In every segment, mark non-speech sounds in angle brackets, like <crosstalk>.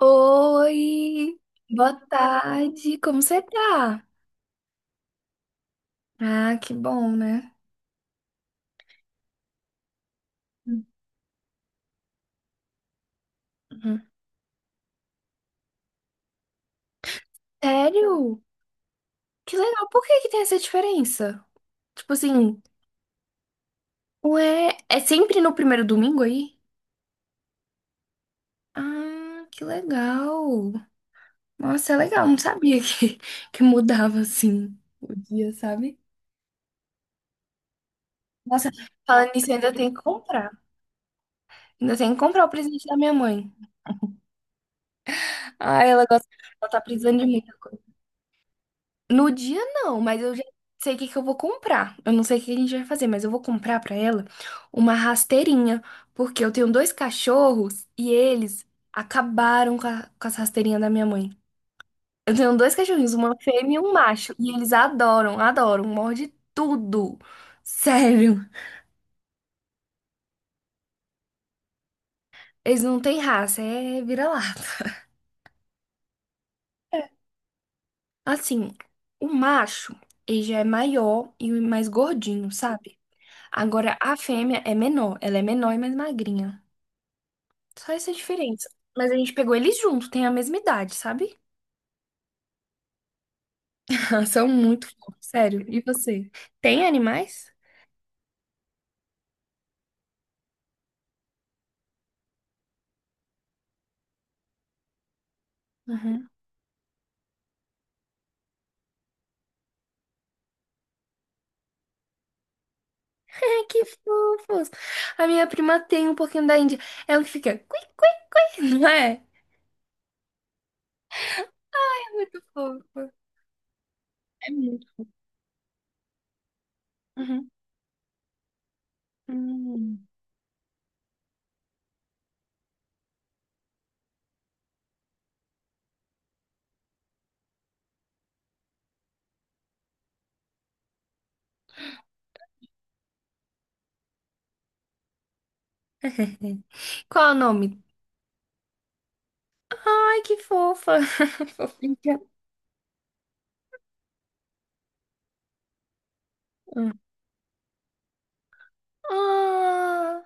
Oi, boa tarde, como você tá? Ah, que bom, né? Uhum. Sério? Que legal, por que que tem essa diferença? Tipo assim, ué, é sempre no primeiro domingo aí? Ah, que legal. Nossa, é legal, não sabia <laughs> que mudava assim o dia, sabe? Nossa, falando nisso, eu ainda tem que comprar. Ainda tem que comprar o presente da minha mãe. Ah, ela gosta, ela tá precisando de mim. No dia não, mas eu já sei o que que eu vou comprar. Eu não sei o que a gente vai fazer, mas eu vou comprar pra ela uma rasteirinha, porque eu tenho dois cachorros e eles acabaram com as rasteirinhas da minha mãe. Eu tenho dois cachorrinhos, uma fêmea e um macho, e eles adoram, adoram, morde tudo. Sério. Eles não têm raça, é vira-lata. Assim, o macho, ele já é maior e mais gordinho, sabe? Agora, a fêmea é menor, ela é menor e mais magrinha. Só essa diferença. Mas a gente pegou eles junto, tem a mesma idade, sabe? <laughs> São muito fofos, sério. E você? Tem animais? Uhum. Ai, que fofos! A minha prima tem um pouquinho da Índia. É o que fica cui, cui, cui, <laughs> não é? É muito fofo. É muito. Uhum. Hum. <laughs> Qual é o nome? Ai, que fofa! <laughs> Fofinha. Hum. Ah,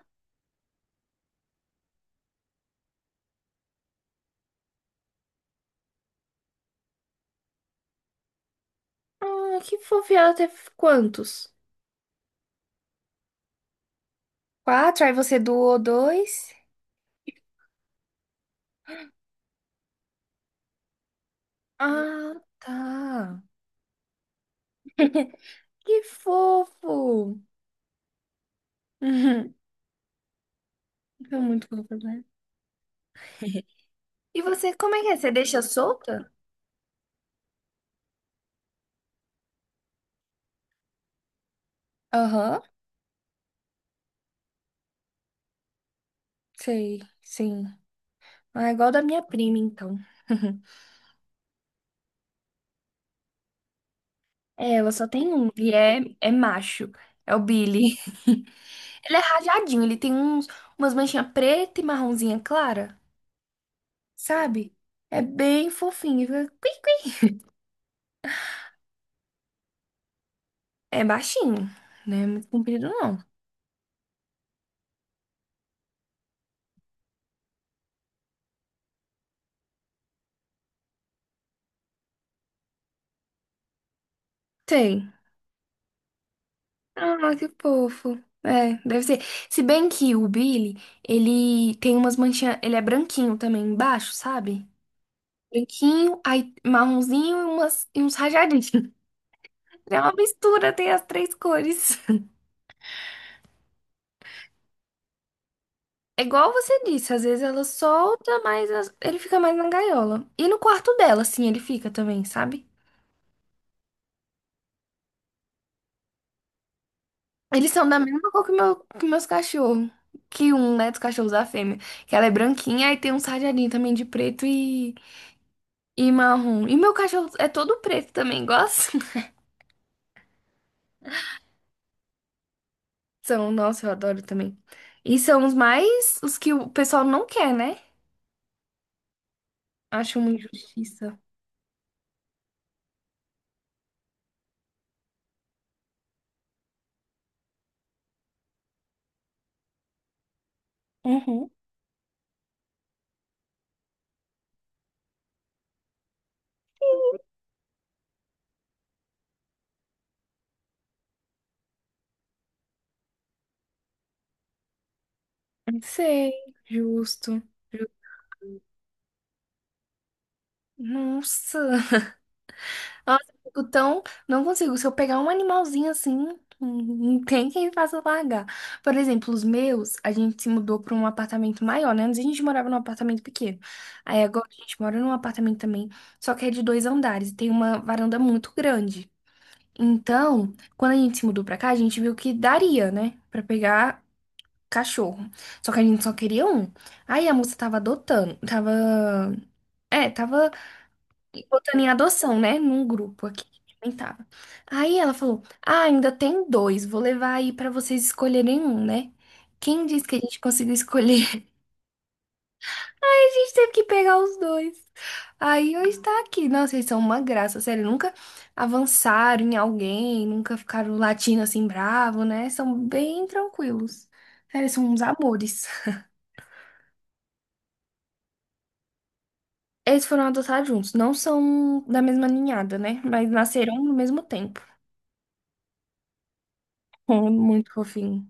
ah, que fofa. E ela teve quantos? Quatro, aí você doou dois? Ah, tá. <laughs> Que fofo! Uhum. Foi muito fofo, né? E você, como é que é? Você deixa solta? Aham, sei, sim. Ah, igual da minha prima, então. <laughs> É, ela só tem um, e é macho. É o Billy. <laughs> Ele é rajadinho, ele tem uns, umas manchinhas preta e marronzinha clara, sabe? É bem fofinho, é baixinho, né? Muito comprido, não. Tem. Ah, que fofo. É, deve ser. Se bem que o Billy, ele tem umas manchinhas. Ele é branquinho também embaixo, sabe? Branquinho, aí marronzinho e uns rajadinhos. <laughs> É uma mistura, tem as três cores. <laughs> É igual você disse, às vezes ela solta, mas ele fica mais na gaiola. E no quarto dela, assim, ele fica também, sabe? Eles são da mesma cor que meus cachorros. Que um, né, dos cachorros da fêmea. Que ela é branquinha, e tem um sarjadinho também de preto e marrom. E meu cachorro é todo preto também, gosto. <laughs> São, nossa, eu adoro também. E são os mais, os que o pessoal não quer, né? Acho uma injustiça. Uhum. Sei, justo. Ju- nossa. Nossa, eu fico tão. Não consigo. Se eu pegar um animalzinho assim, não tem quem faça largar. Por exemplo, os meus, a gente se mudou para um apartamento maior, né? Antes a gente morava num apartamento pequeno. Aí agora a gente mora num apartamento também, só que é de dois andares e tem uma varanda muito grande. Então, quando a gente se mudou pra cá, a gente viu que daria, né? Pra pegar cachorro. Só que a gente só queria um. Aí a moça tava adotando, tava. Tava botando em adoção, né? Num grupo aqui. Nem tava. Aí ela falou: Ah, ainda tem dois, vou levar aí pra vocês escolherem um, né? Quem disse que a gente conseguiu escolher. A gente teve que pegar os dois. Aí hoje tá aqui. Nossa, eles são uma graça, sério. Nunca avançaram em alguém, nunca ficaram latindo assim bravo, né? São bem tranquilos. Sério, eles são uns amores. Eles foram adotados juntos. Não são da mesma ninhada, né? Mas nasceram no mesmo tempo. <laughs> Oh, muito fofinho.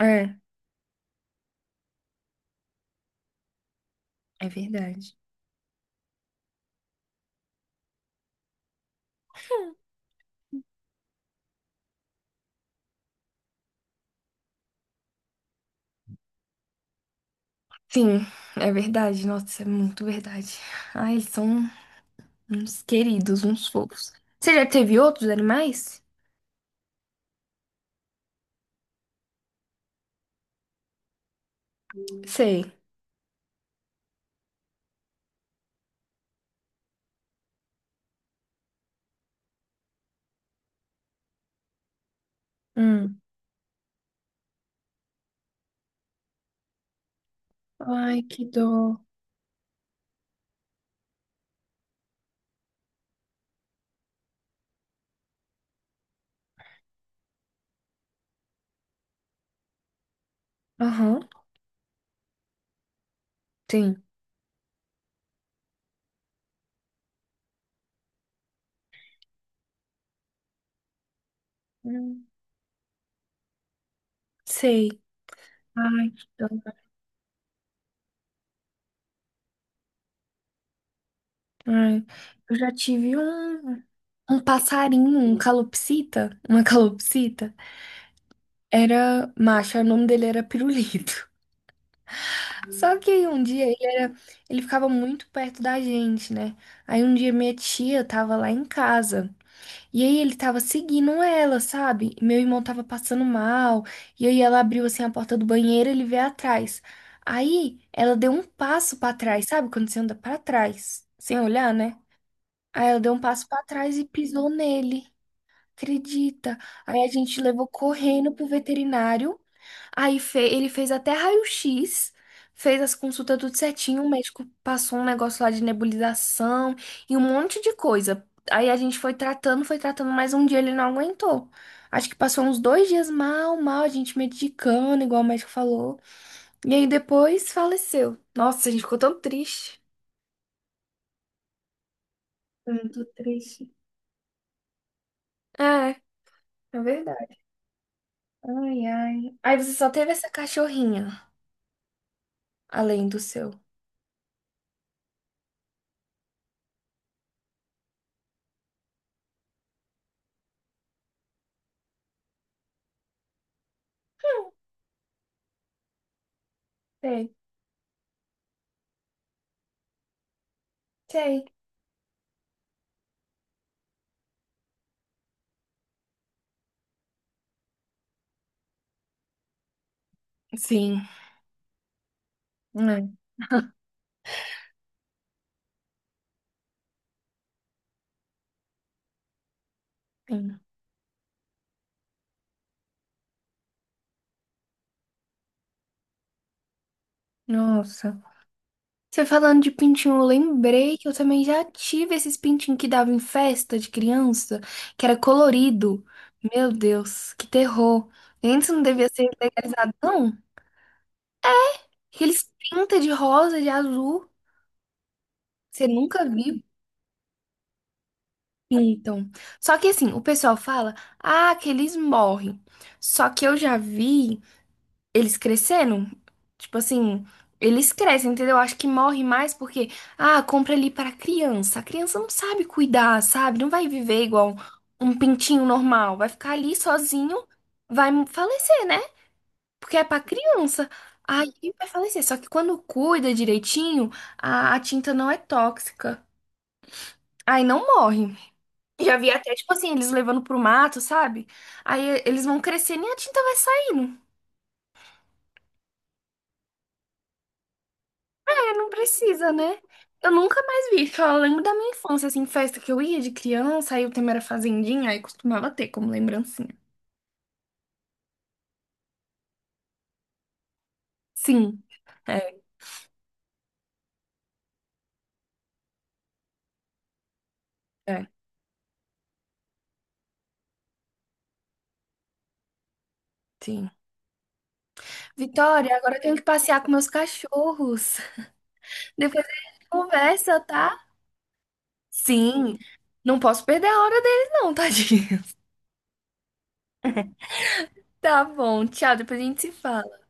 É, é verdade. Sim, é verdade. Nossa, isso é muito verdade. Ai, eles são uns queridos, uns fofos. Você já teve outros animais? Sei. Hum. Ai, que dor. Aham, tem. Hum, sei. Ai, que dor. Ai, eu já tive um, um passarinho, um calopsita, uma <laughs> calopsita. Era macho, o nome dele era Pirulito. <laughs> Só que aí um dia ele era, ele ficava muito perto da gente, né? Aí um dia minha tia tava lá em casa. E aí ele tava seguindo ela, sabe? E meu irmão tava passando mal. E aí ela abriu assim a porta do banheiro, ele veio atrás. Aí ela deu um passo pra trás, sabe? Quando você anda pra trás, sem olhar, né? Aí ela deu um passo pra trás e pisou nele. Acredita? Aí a gente levou correndo pro veterinário. Aí ele fez até raio-x, fez as consultas tudo certinho. O médico passou um negócio lá de nebulização e um monte de coisa. Aí a gente foi tratando, mas um dia ele não aguentou. Acho que passou uns dois dias mal, mal, a gente medicando, igual o médico falou. E aí depois faleceu. Nossa, a gente ficou tão triste. Foi muito triste. É, é verdade. Ai, ai. Aí você só teve essa cachorrinha, além do seu. Sei, sei. Sim, é, sim. Nossa. Você falando de pintinho, eu lembrei que eu também já tive esses pintinhos que dava em festa de criança, que era colorido. Meu Deus, que terror. Antes não devia ser legalizado, não. Que eles pintam de rosa, de azul. Você nunca viu? Pintam. Só que assim, o pessoal fala, ah, que eles morrem. Só que eu já vi eles crescendo, tipo assim, eles crescem, entendeu? Acho que morre mais porque, ah, compra ali para criança. A criança não sabe cuidar, sabe? Não vai viver igual um pintinho normal, vai ficar ali sozinho, vai falecer, né? Porque é para criança. Aí vai falecer. Só que quando cuida direitinho, a tinta não é tóxica. Aí não morre. Já vi até, tipo assim, eles levando pro mato, sabe? Aí eles vão crescendo e a tinta vai saindo. Não precisa, né? Eu nunca mais vi. Só lembro da minha infância, assim, festa que eu ia de criança, aí o tema era fazendinha, aí costumava ter como lembrancinha. Sim, é, é, sim. Vitória, agora eu tenho que passear com meus cachorros. <laughs> Depois a gente conversa, tá? Sim, não posso perder a hora deles, não, <laughs> tadinho. Tá bom, tchau, depois a gente se fala.